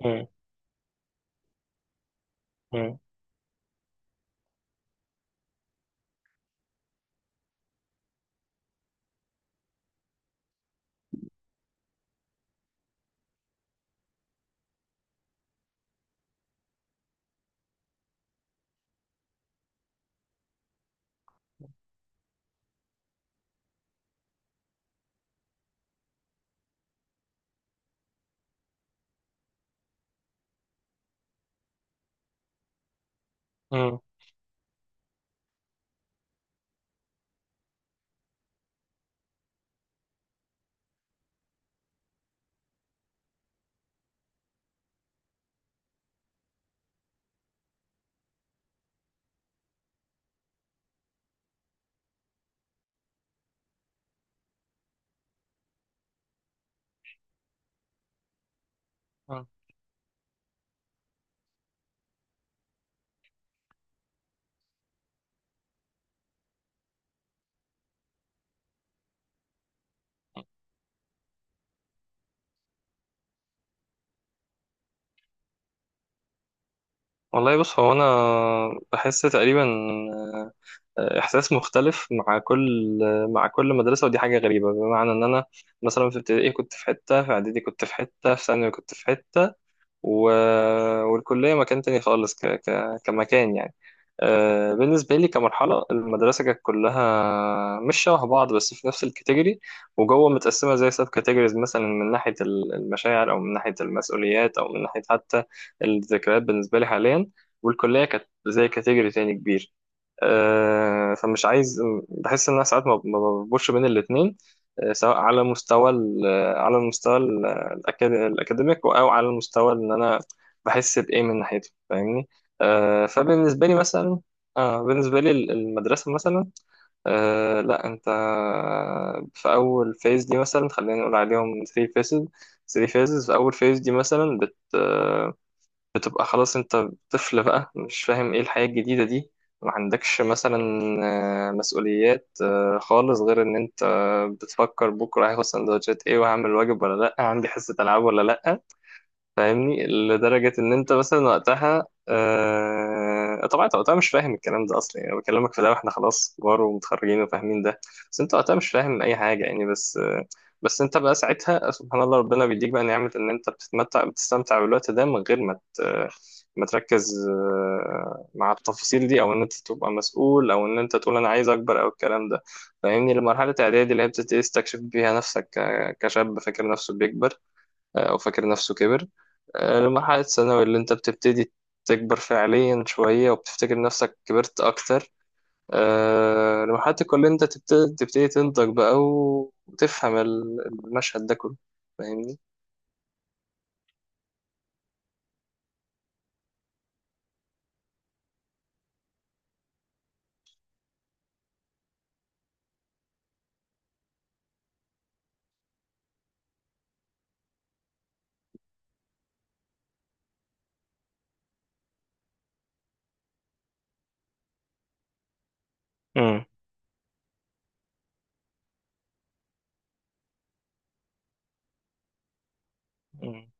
مم. مم. مم. مم. والله بص هو انا بحس تقريبا احساس مختلف مع كل مدرسه، ودي حاجه غريبه بمعنى ان انا مثلا في ابتدائي كنت في حته، في اعدادي كنت في حته، في ثانوي كنت في حته، و... والكليه مكان تاني خالص كمكان يعني. بالنسبة لي كمرحلة، المدرسة كانت كلها مش شبه بعض بس في نفس الكاتيجوري، وجوه متقسمة زي سب كاتيجوريز، مثلا من ناحية المشاعر، أو من ناحية المسؤوليات، أو من ناحية حتى الذكريات، بالنسبة لي حاليا. والكلية كانت زي كاتيجوري تاني كبير. آه، فمش عايز بحس ان انا ساعات ما بربطش بين الاثنين، سواء على المستوى الاكاديميك، او على المستوى ان انا بحس بايه من ناحيته، فاهمني. آه، فبالنسبه لي مثلا آه بالنسبه لي المدرسه مثلا. لا، انت في اول فيز دي مثلا، خلينا نقول عليهم 3 فيزز. 3 فيزز، في اول فيز دي مثلا بتبقى خلاص انت طفل بقى، مش فاهم ايه الحياة الجديدة دي، ما عندكش مثلا مسؤوليات خالص، غير ان انت بتفكر بكرة هاخد سندوتشات ايه، وهعمل واجب ولا لا، عندي حصة العاب ولا لا. فاهمني؟ لدرجة إن أنت مثلا طبعا أنت وقتها مش فاهم الكلام ده أصلا، يعني أنا بكلمك في ده وإحنا خلاص كبار ومتخرجين وفاهمين ده. بس أنت وقتها مش فاهم أي حاجة يعني، بس أنت بقى ساعتها، سبحان الله، ربنا بيديك بقى نعمة إن أنت بتتمتع، بتستمتع بالوقت ده من غير ما تركز مع التفاصيل دي، او ان انت تبقى مسؤول، او ان انت تقول انا عايز اكبر، او الكلام ده. فاهمني؟ لمرحله اعدادي، اللي هي بتبتدي تستكشف بيها نفسك كشاب فاكر نفسه بيكبر، او فاكر نفسه كبر. المرحلة الثانوي اللي أنت بتبتدي تكبر فعليا شوية وبتفتكر نفسك كبرت أكتر. مرحلة الكلية أنت تبتدي تنضج بقى، وتفهم المشهد ده كله. فاهمني؟ مم. مم.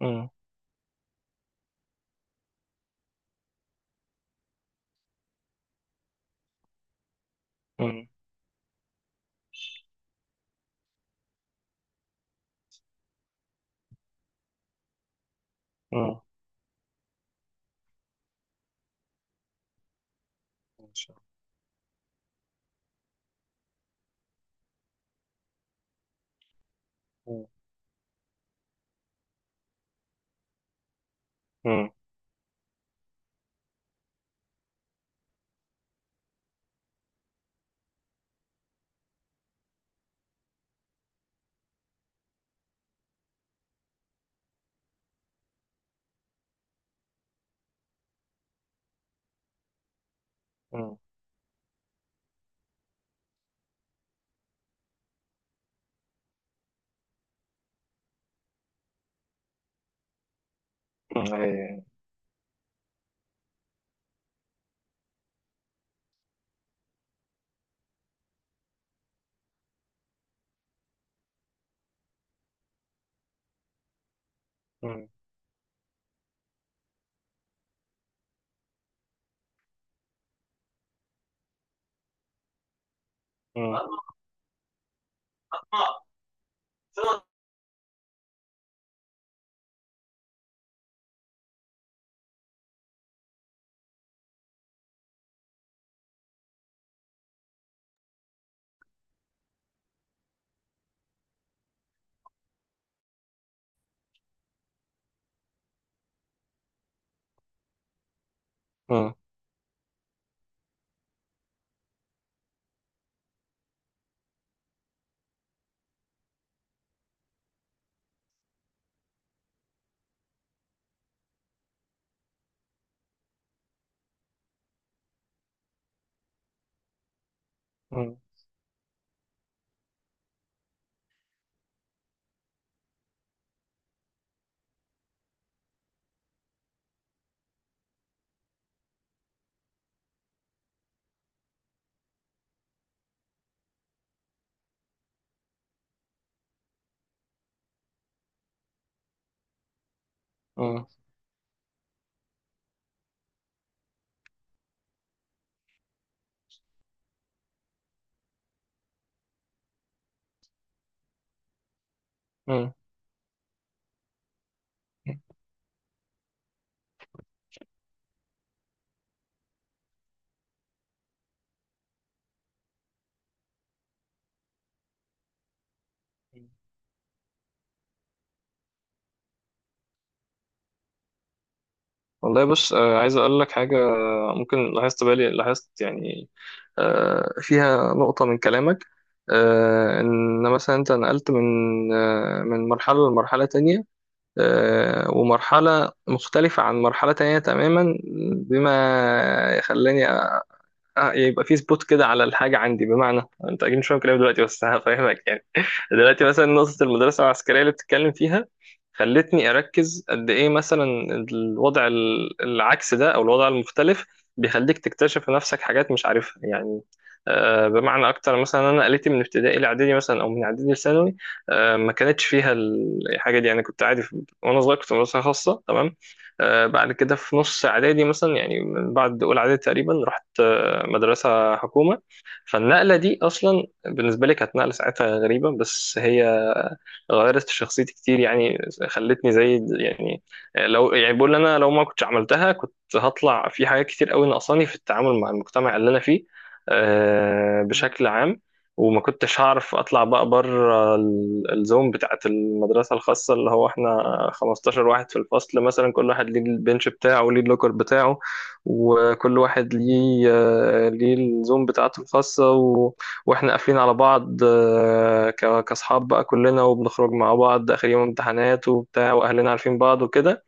مم. مم. مم. مم. مم. مم. مم. مم. مم. مم. مم. مم. مم. والله بص، عايز اقول لك حاجه. ممكن لاحظت بالي، لاحظت يعني فيها نقطه من كلامك. ان مثلا انت نقلت من مرحله لمرحله تانية، ومرحله مختلفه عن مرحله تانية تماما، بما خلاني يبقى في سبوت كده على الحاجة عندي. بمعنى، انت اكيد مش فاهم كلامي دلوقتي، بس هفهمك يعني دلوقتي مثلا نقطة المدرسة العسكرية اللي بتتكلم فيها، خلتني اركز قد ايه مثلا الوضع العكس ده، او الوضع المختلف، بيخليك تكتشف في نفسك حاجات مش عارفها يعني. بمعنى اكتر، مثلا انا قلتي من ابتدائي لاعدادي مثلا، او من اعدادي لثانوي، ما كانتش فيها الحاجه دي يعني، كنت عادي. وانا صغير كنت في مدرسه خاصه تمام. بعد كده في نص اعدادي مثلا، يعني من بعد اولى اعدادي تقريبا، رحت مدرسة حكومة. فالنقلة دي أصلا بالنسبة لي كانت نقلة ساعتها غريبة، بس هي غيرت في شخصيتي كتير يعني، خلتني زي يعني، لو يعني بقول أنا لو ما كنتش عملتها كنت هطلع في حاجات كتير قوي ناقصاني في التعامل مع المجتمع اللي أنا فيه، بشكل عام. وما كنتش هعرف اطلع بقى بره الزوم بتاعت المدرسه الخاصه، اللي هو احنا 15 واحد في الفصل مثلا، كل واحد ليه البنش بتاعه، وليه اللوكر بتاعه، وكل واحد ليه الزوم بتاعته الخاصة، واحنا قافلين على بعض كأصحاب بقى كلنا، وبنخرج مع بعض آخر يوم امتحانات وبتاع، وأهلنا عارفين بعض وكده.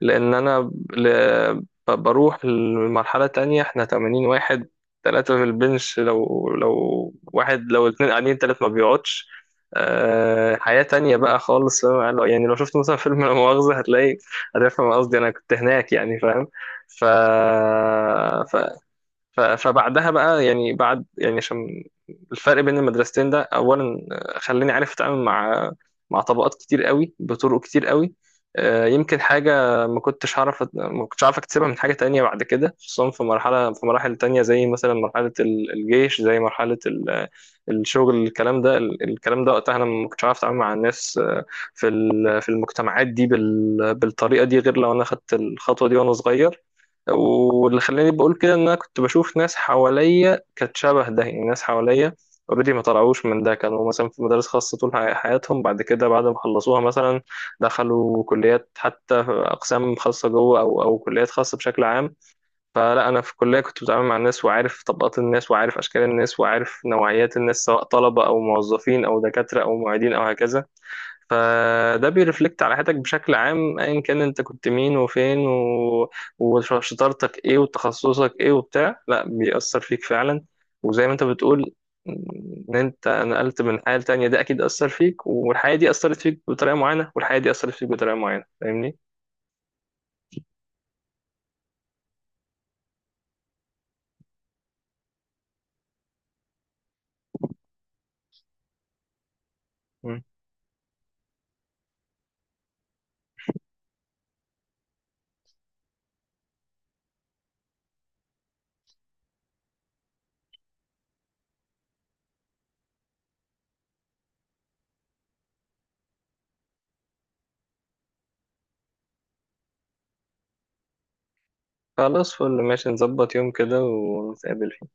لأن أنا بروح لمرحلة تانية، احنا 80 واحد، ثلاثة في البنش، لو واحد، لو اتنين قاعدين تلات ما بيقعدش. حياة تانية بقى خالص، فاهم؟ يعني لو شفت مثلا فيلم لا مؤاخذة، هتلاقي هتفهم قصدي، أنا كنت هناك يعني، فاهم. ف... ف فبعدها بقى يعني، بعد يعني، عشان الفرق بين المدرستين ده اولا خلاني عارف اتعامل مع طبقات كتير قوي بطرق كتير قوي. يمكن حاجة ما كنتش عارف اكتسبها من حاجة تانية بعد كده، خصوصا في مراحل تانية، زي مثلا مرحلة الجيش، زي مرحلة الشغل، الكلام ده، الكلام ده وقتها، انا ما كنتش عارف اتعامل مع الناس في المجتمعات دي بالطريقة دي، غير لو انا خدت الخطوة دي وانا صغير. واللي خلاني بقول كده، ان انا كنت بشوف ناس حواليا كانت شبه ده يعني، ناس حواليا اوريدي ما طلعوش من ده، كانوا مثلا في مدارس خاصة طول حياتهم. بعد كده بعد ما خلصوها مثلا، دخلوا كليات حتى اقسام خاصة جوه، او كليات خاصة بشكل عام. فلا، انا في الكلية كنت بتعامل مع الناس، وعارف طبقات الناس، وعارف اشكال الناس، وعارف نوعيات الناس، سواء طلبة او موظفين او دكاترة او معيدين او هكذا. فده بيرفلكت على حياتك بشكل عام، ايا كان انت كنت مين وفين وشطارتك ايه وتخصصك ايه وبتاع، لا بيأثر فيك فعلا. وزي ما انت بتقول، ان انت نقلت من حياة تانية، ده اكيد أثر فيك، والحياة دي أثرت فيك بطريقة معينة، والحياة دي أثرت فيك بطريقة معينة. فاهمني؟ مم. خلاص، فل، ماشي، نظبط يوم كده ونتقابل فيه.